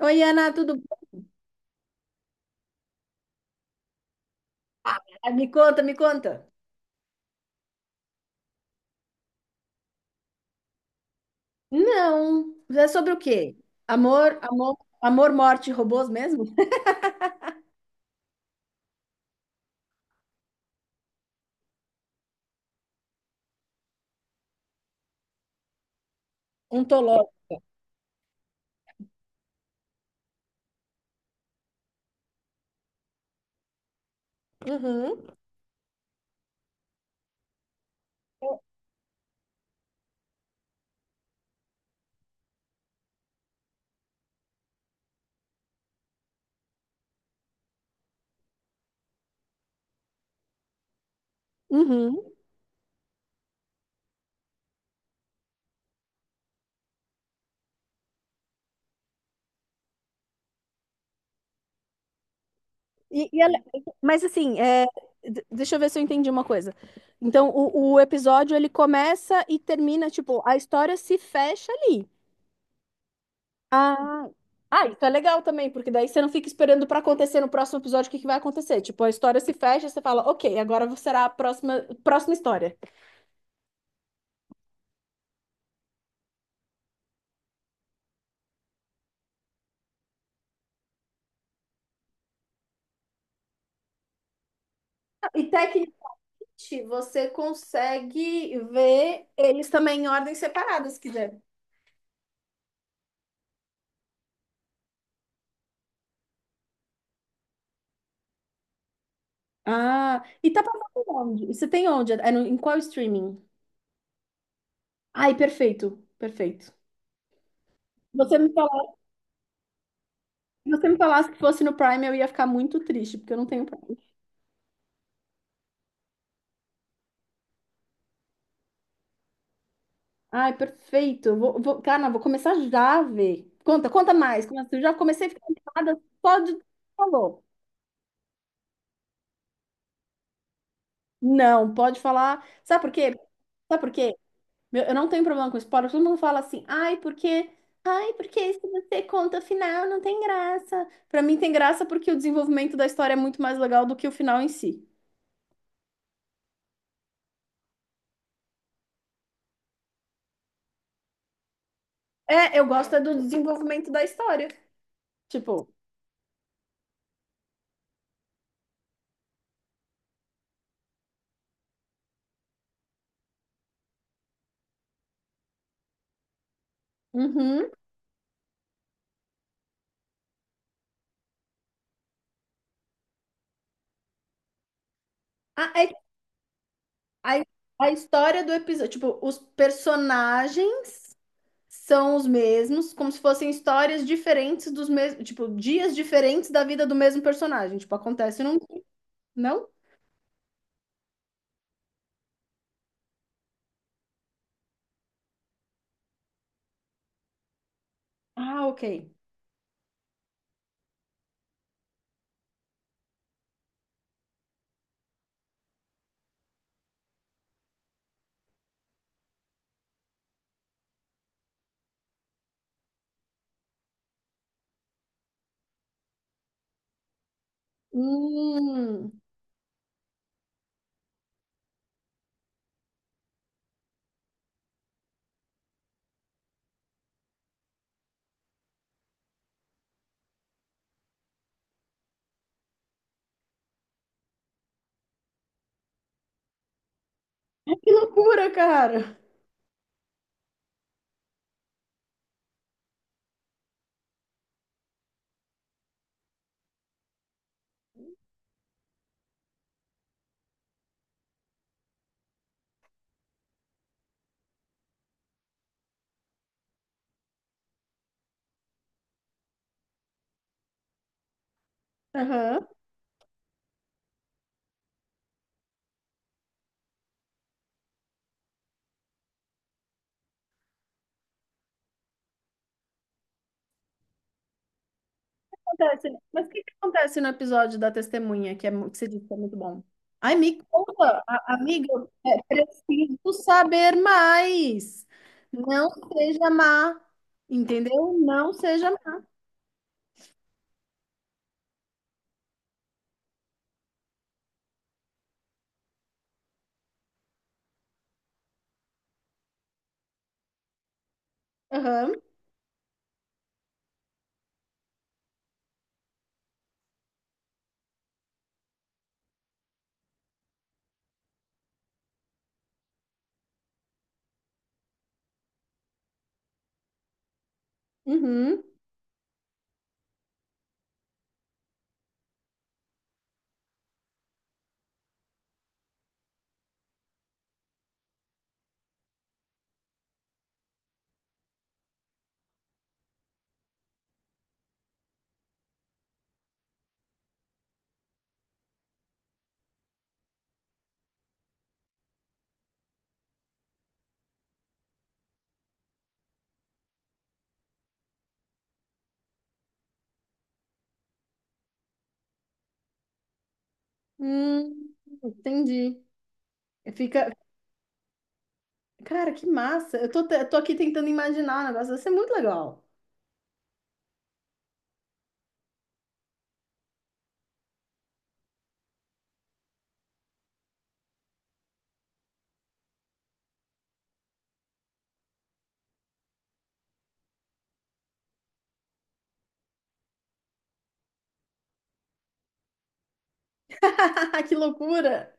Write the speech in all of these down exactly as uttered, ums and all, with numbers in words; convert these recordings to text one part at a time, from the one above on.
Oi, Ana, tudo bom? Ah, me conta, me conta. Não, é sobre o quê? Amor, amor, amor, morte, e robôs mesmo? Ontológico. Uhum, uhum. E, e ela- mas assim, é, d- deixa eu ver se eu entendi uma coisa. Então, o, o episódio ele começa e termina, tipo, a história se fecha ali. Ah, ah, isso é legal também, porque daí você não fica esperando pra acontecer no próximo episódio o que que vai acontecer. Tipo, a história se fecha, você fala, ok, agora será a próxima, próxima história. E técnica. Você consegue ver eles também em ordem separada, se quiser. Ah, e tá passando onde? Você tem onde? É no- em qual streaming? Ai, perfeito, perfeito. Você me falasse, você me falasse que fosse no Prime, eu ia ficar muito triste, porque eu não tenho Prime. Ai, perfeito. Eu Vou, vou, cara, vou começar já a ver. Conta, conta mais. Como assim? Eu já comecei a ficar animada só de. Falou. Não, pode falar. Sabe por quê? Sabe por quê? Meu, eu não tenho problema com spoiler. Todo mundo fala assim, ai, porque, ai, porque se você conta o final, não tem graça. Pra mim tem graça porque o desenvolvimento da história é muito mais legal do que o final em si. É, eu gosto é do desenvolvimento da história. Tipo, uhum. A, é- a, a história do episódio, tipo, os personagens são os mesmos, como se fossem histórias diferentes dos mesmos, tipo, dias diferentes da vida do mesmo personagem. Tipo, acontece num, não? Ah, ok. Hum. Que loucura, cara! Aham. O que acontece- né? Mas o que que acontece no episódio da testemunha, que, é, mu- que você disse que é muito bom? Ai, me conta, a- amiga, é, preciso saber mais. Não seja má, entendeu? Não seja má. Aham, uhum, hum, entendi. Fica, cara, que massa. Eu tô, te- eu tô aqui tentando imaginar o negócio, vai ser muito legal. Que loucura!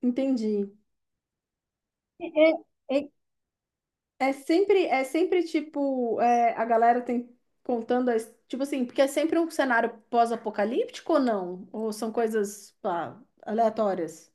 Entendi. É, é, É sempre, é sempre tipo, é, a galera tem contando, as- tipo assim, porque é sempre um cenário pós-apocalíptico ou não? Ou são coisas, pá, aleatórias?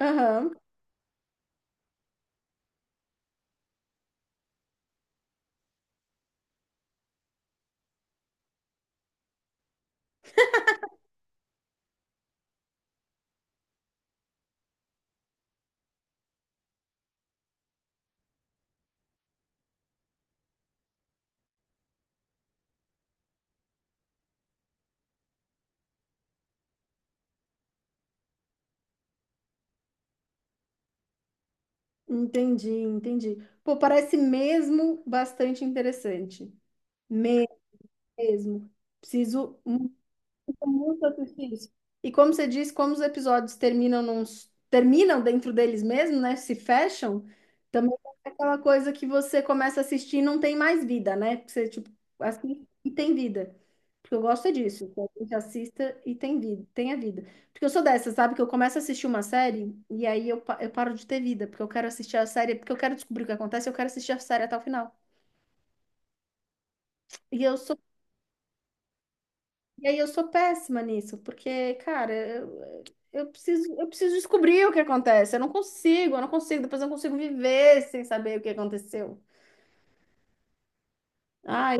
Aham, entendi, entendi. Pô, parece mesmo bastante interessante. Mesmo. Preciso. É muito assistir. E como você disse, como os episódios terminam num, terminam dentro deles mesmo, né? Se fecham, também é aquela coisa que você começa a assistir e não tem mais vida, né? Porque você, tipo, assiste e tem vida. Porque eu gosto é disso, que a gente assista e tem vida, tenha vida. Porque eu sou dessa, sabe? Que eu começo a assistir uma série e aí eu, pa- eu paro de ter vida, porque eu quero assistir a série, porque eu quero descobrir o que acontece, eu quero assistir a série até o final. E eu sou E aí eu sou péssima nisso, porque, cara, eu, eu preciso, eu preciso descobrir o que acontece. Eu não consigo, eu não consigo, depois eu não consigo viver sem saber o que aconteceu. Ai,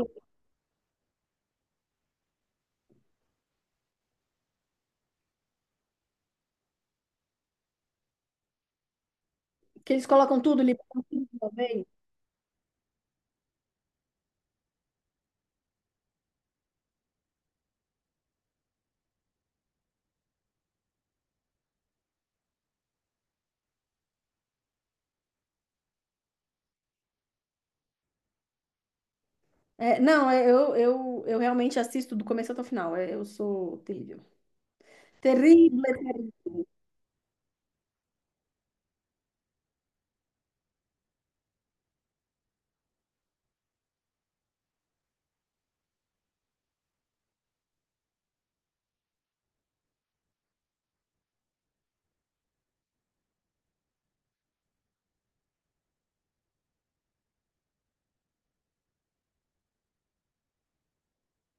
que eles colocam tudo, liberam tudo de uma vez. É, não, é, eu, eu, eu realmente assisto do começo até o final. É, eu sou terrível. Terrível.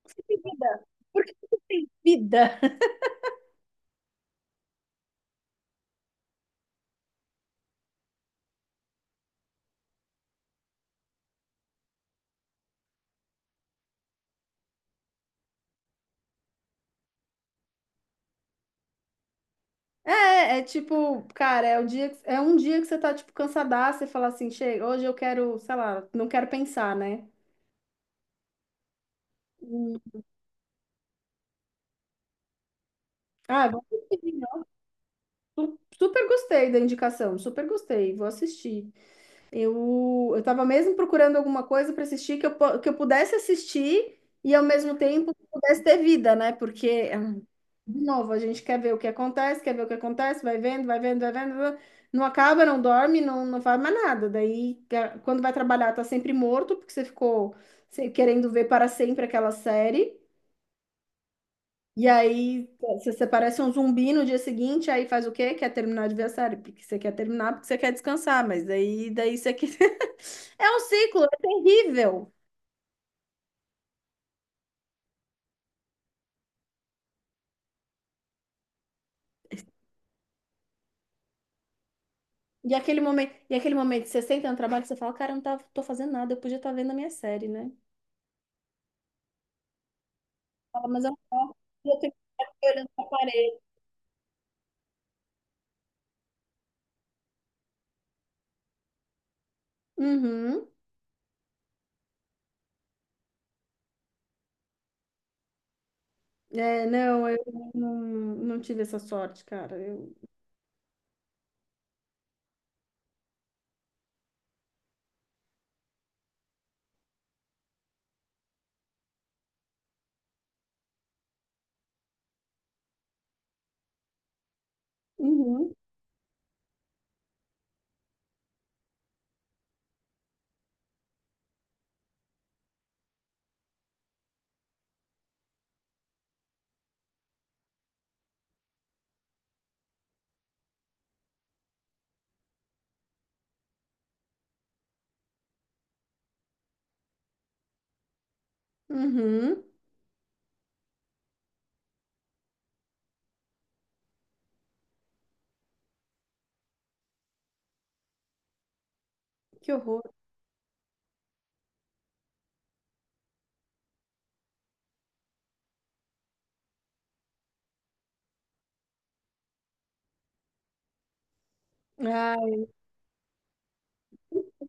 Você tem vida? Por que você tem vida? É, é tipo, cara, é o dia que- é um dia que você tá, tipo, cansadaça e fala assim, chega, hoje eu quero, sei lá, não quero pensar, né? Ah, vou assistir. Nossa, super gostei da indicação, super gostei, vou assistir. Eu, eu tava mesmo procurando alguma coisa para assistir que eu, po- que eu pudesse assistir e ao mesmo tempo que pudesse ter vida, né? Porque, ah, de novo, a gente quer ver o que acontece, quer ver o que acontece, vai vendo, vai vendo, vai vendo, vai vendo, não acaba, não dorme, não, não faz mais nada. Daí, ca- quando vai trabalhar, tá sempre morto, porque você ficou se- querendo ver para sempre aquela série. E aí você você parece um zumbi no dia seguinte, aí faz o quê? Quer terminar de ver a série, porque você quer terminar, porque você quer descansar, mas daí, daí você quer. É um ciclo, é terrível. E aquele momento, e aquele momento, que você senta no trabalho, você fala, cara, eu não tava, tô fazendo nada, eu podia estar vendo a minha série, né? Fala, mas eu não posso, eu tenho que ficar aqui olhando pra parede. Uhum. É, não, eu não, não tive essa sorte, cara. Eu. Uhum. Uhum. Que horror. Ah,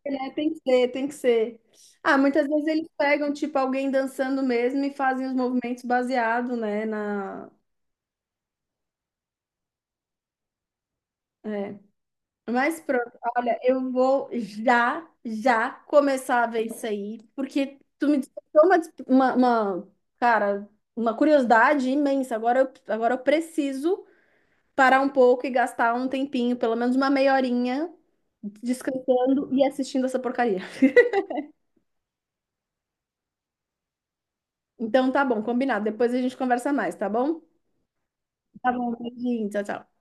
É, tem que ser, tem que ser. Ah, muitas vezes eles pegam, tipo, alguém dançando mesmo e fazem os movimentos baseado, né, na. É. Mas pronto, olha, eu vou já, já começar a ver isso aí, porque tu me despertou uma, des- uma, uma- cara, uma curiosidade imensa. Agora eu, agora eu preciso parar um pouco e gastar um tempinho, pelo menos uma meia horinha, descansando e assistindo essa porcaria. Então tá bom, combinado. Depois a gente conversa mais, tá bom? Tá bom, beijinho, tchau, tchau.